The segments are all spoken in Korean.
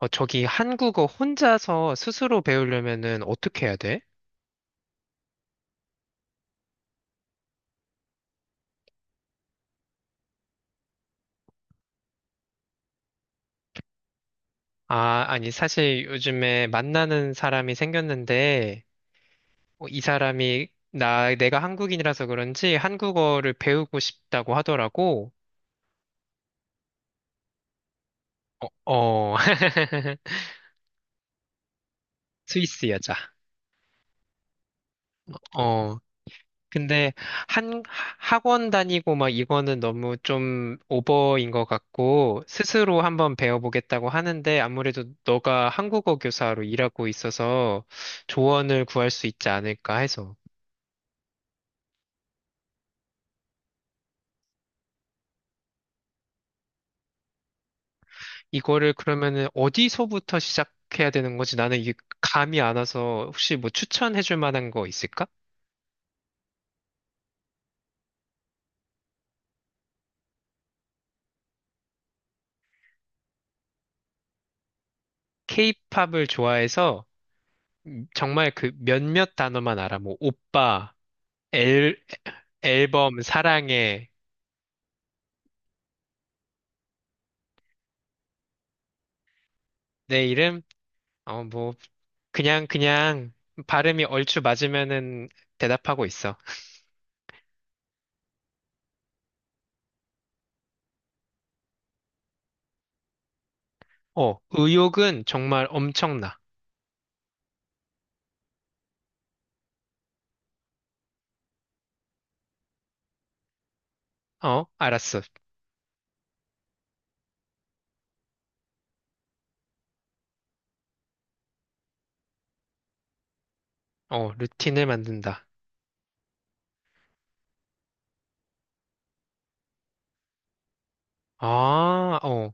저기 한국어 혼자서 스스로 배우려면은 어떻게 해야 돼? 아, 아니, 사실 요즘에 만나는 사람이 생겼는데, 이 사람이 내가 한국인이라서 그런지 한국어를 배우고 싶다고 하더라고. 어, 어. 스위스 여자. 어. 근데 한 학원 다니고 막 이거는 너무 좀 오버인 것 같고 스스로 한번 배워보겠다고 하는데 아무래도 너가 한국어 교사로 일하고 있어서 조언을 구할 수 있지 않을까 해서 이거를 그러면은 어디서부터 시작해야 되는 거지? 나는 이게 감이 안 와서 혹시 뭐 추천해줄 만한 거 있을까? 케이팝을 좋아해서 정말 그 몇몇 단어만 알아. 뭐 오빠, 앨, 앨범, 사랑해, 내 이름. 어, 뭐, 그냥 발음이 얼추 맞으면은 대답하고 있어. 어, 의욕은 정말 엄청나. 어, 알았어. 어, 루틴을 만든다. 아, 어.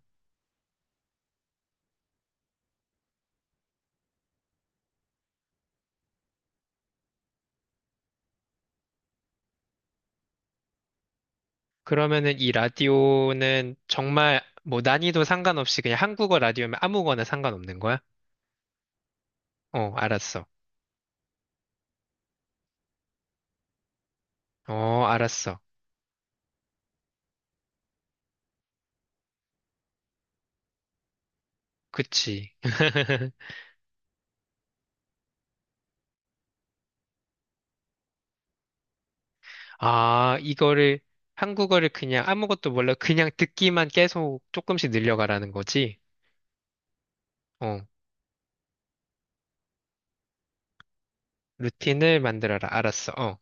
그러면은 이 라디오는 정말 뭐 난이도 상관없이 그냥 한국어 라디오면 아무거나 상관없는 거야? 어, 알았어. 어, 알았어. 그치. 아, 이거를 한국어를 그냥 아무것도 몰라 그냥 듣기만 계속 조금씩 늘려가라는 거지? 어. 루틴을 만들어라. 알았어. 어.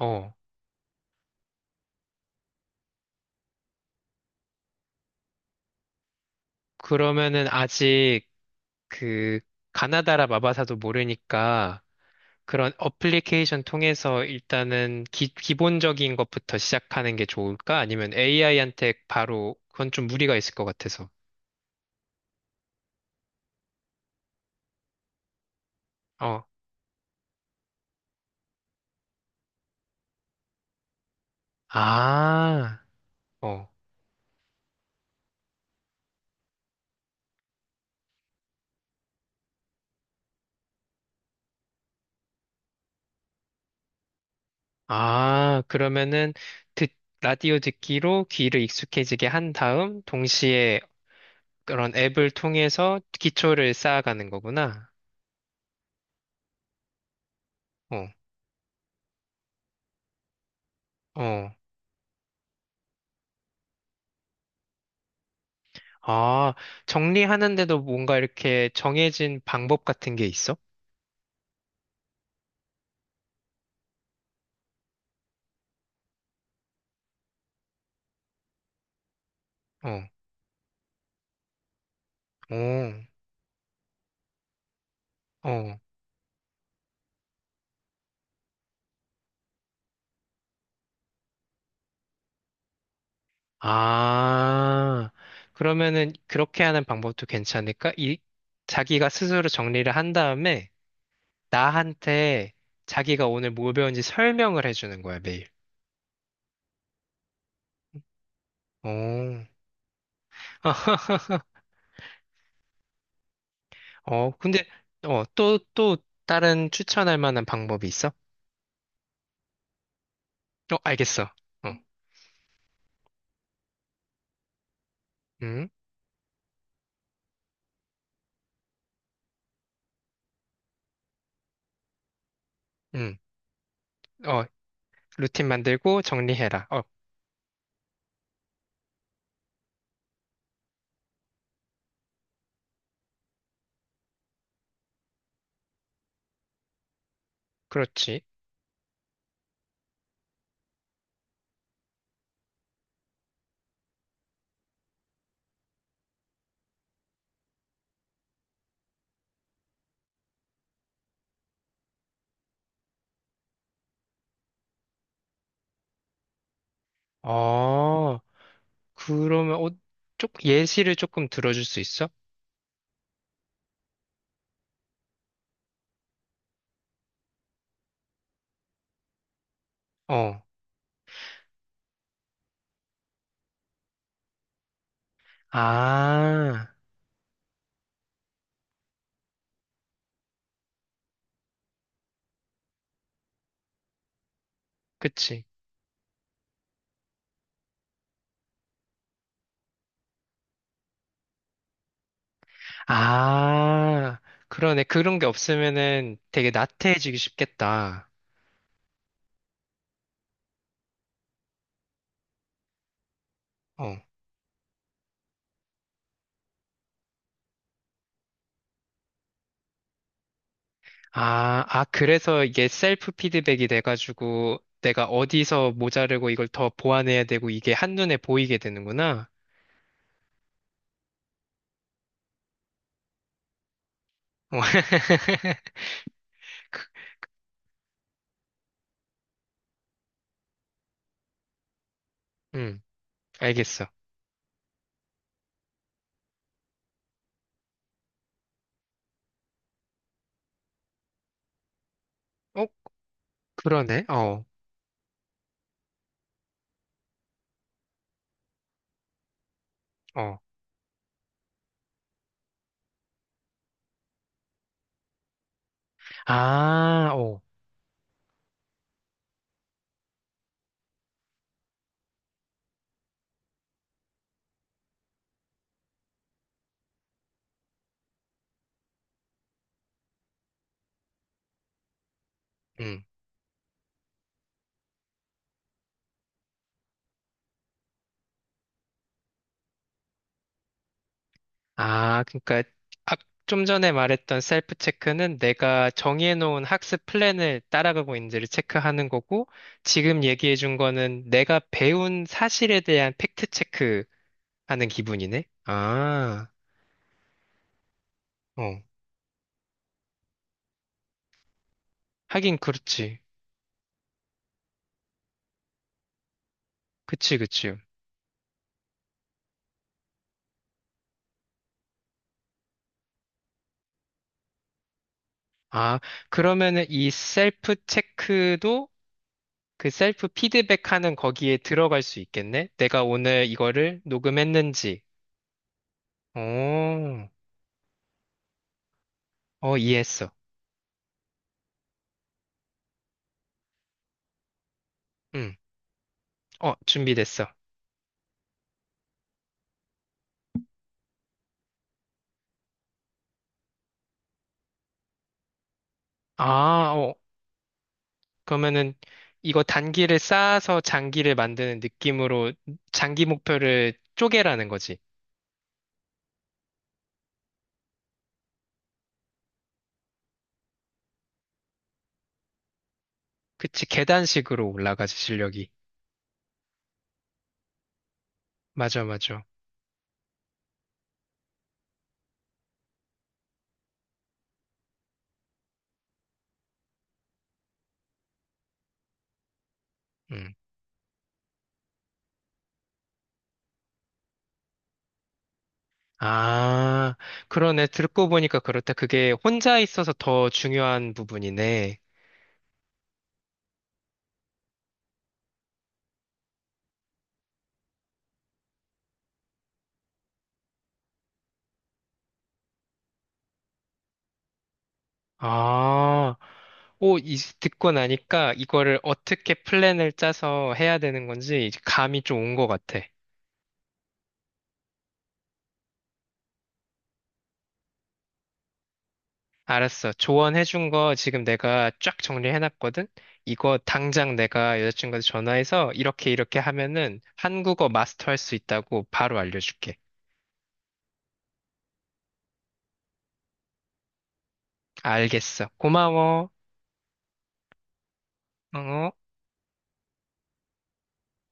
어. 그러면은 아직 그 가나다라 마바사도 모르니까 그런 어플리케이션 통해서 일단은 기본적인 것부터 시작하는 게 좋을까? 아니면 AI한테 바로 그건 좀 무리가 있을 것 같아서. 어. 아. 어. 아, 그러면은 듣, 라디오 듣기로 귀를 익숙해지게 한 다음 동시에 그런 앱을 통해서 기초를 쌓아가는 거구나. 어. 어. 아, 정리하는데도 뭔가 이렇게 정해진 방법 같은 게 있어? 어, 어, 어. 아, 그러면은 그렇게 하는 방법도 괜찮을까? 이, 자기가 스스로 정리를 한 다음에 나한테 자기가 오늘 뭘 배운지 설명을 해주는 거야, 매일. 어, 어, 근데, 어, 또 다른 추천할 만한 방법이 있어? 어, 알겠어. 어, 음, 음, 어, 루틴 만들고 정리해라. 어, 그렇지. 아, 그러면, 어, 쪽, 예시를 조금 들어줄 수 있어? 어. 아, 그치. 아, 그러네. 그런 게 없으면은 되게 나태해지기 쉽겠다. 어. 아, 아, 그래서 이게 셀프 피드백이 돼가지고 내가 어디서 모자르고 이걸 더 보완해야 되고 이게 한눈에 보이게 되는구나. 어. 음, 알겠어. 어, 그러네. 어, 어. 아, 어. 아, 그러니까 아, 좀 전에 말했던 셀프 체크는 내가 정해놓은 학습 플랜을 따라가고 있는지를 체크하는 거고, 지금 얘기해준 거는 내가 배운 사실에 대한 팩트 체크하는 기분이네. 아, 어, 하긴 그렇지. 그치, 그치. 아, 그러면은 이 셀프 체크도 그 셀프 피드백하는 거기에 들어갈 수 있겠네? 내가 오늘 이거를 녹음했는지. 오, 어, 이해했어. 응. 어, 준비됐어. 아, 어, 그러면은 이거 단기를 쌓아서 장기를 만드는 느낌으로 장기 목표를 쪼개라는 거지. 그치, 계단식으로 올라가지, 실력이. 맞아, 맞아. 음. 아, 그러네. 듣고 보니까 그렇다. 그게 혼자 있어서 더 중요한 부분이네. 아, 오, 이, 듣고 나니까 이거를 어떻게 플랜을 짜서 해야 되는 건지 이제 감이 좀 온 것 같아. 알았어. 조언해준 거 지금 내가 쫙 정리해놨거든? 이거 당장 내가 여자친구한테 전화해서 이렇게 이렇게 하면은 한국어 마스터할 수 있다고 바로 알려줄게. 알겠어. 고마워. 어?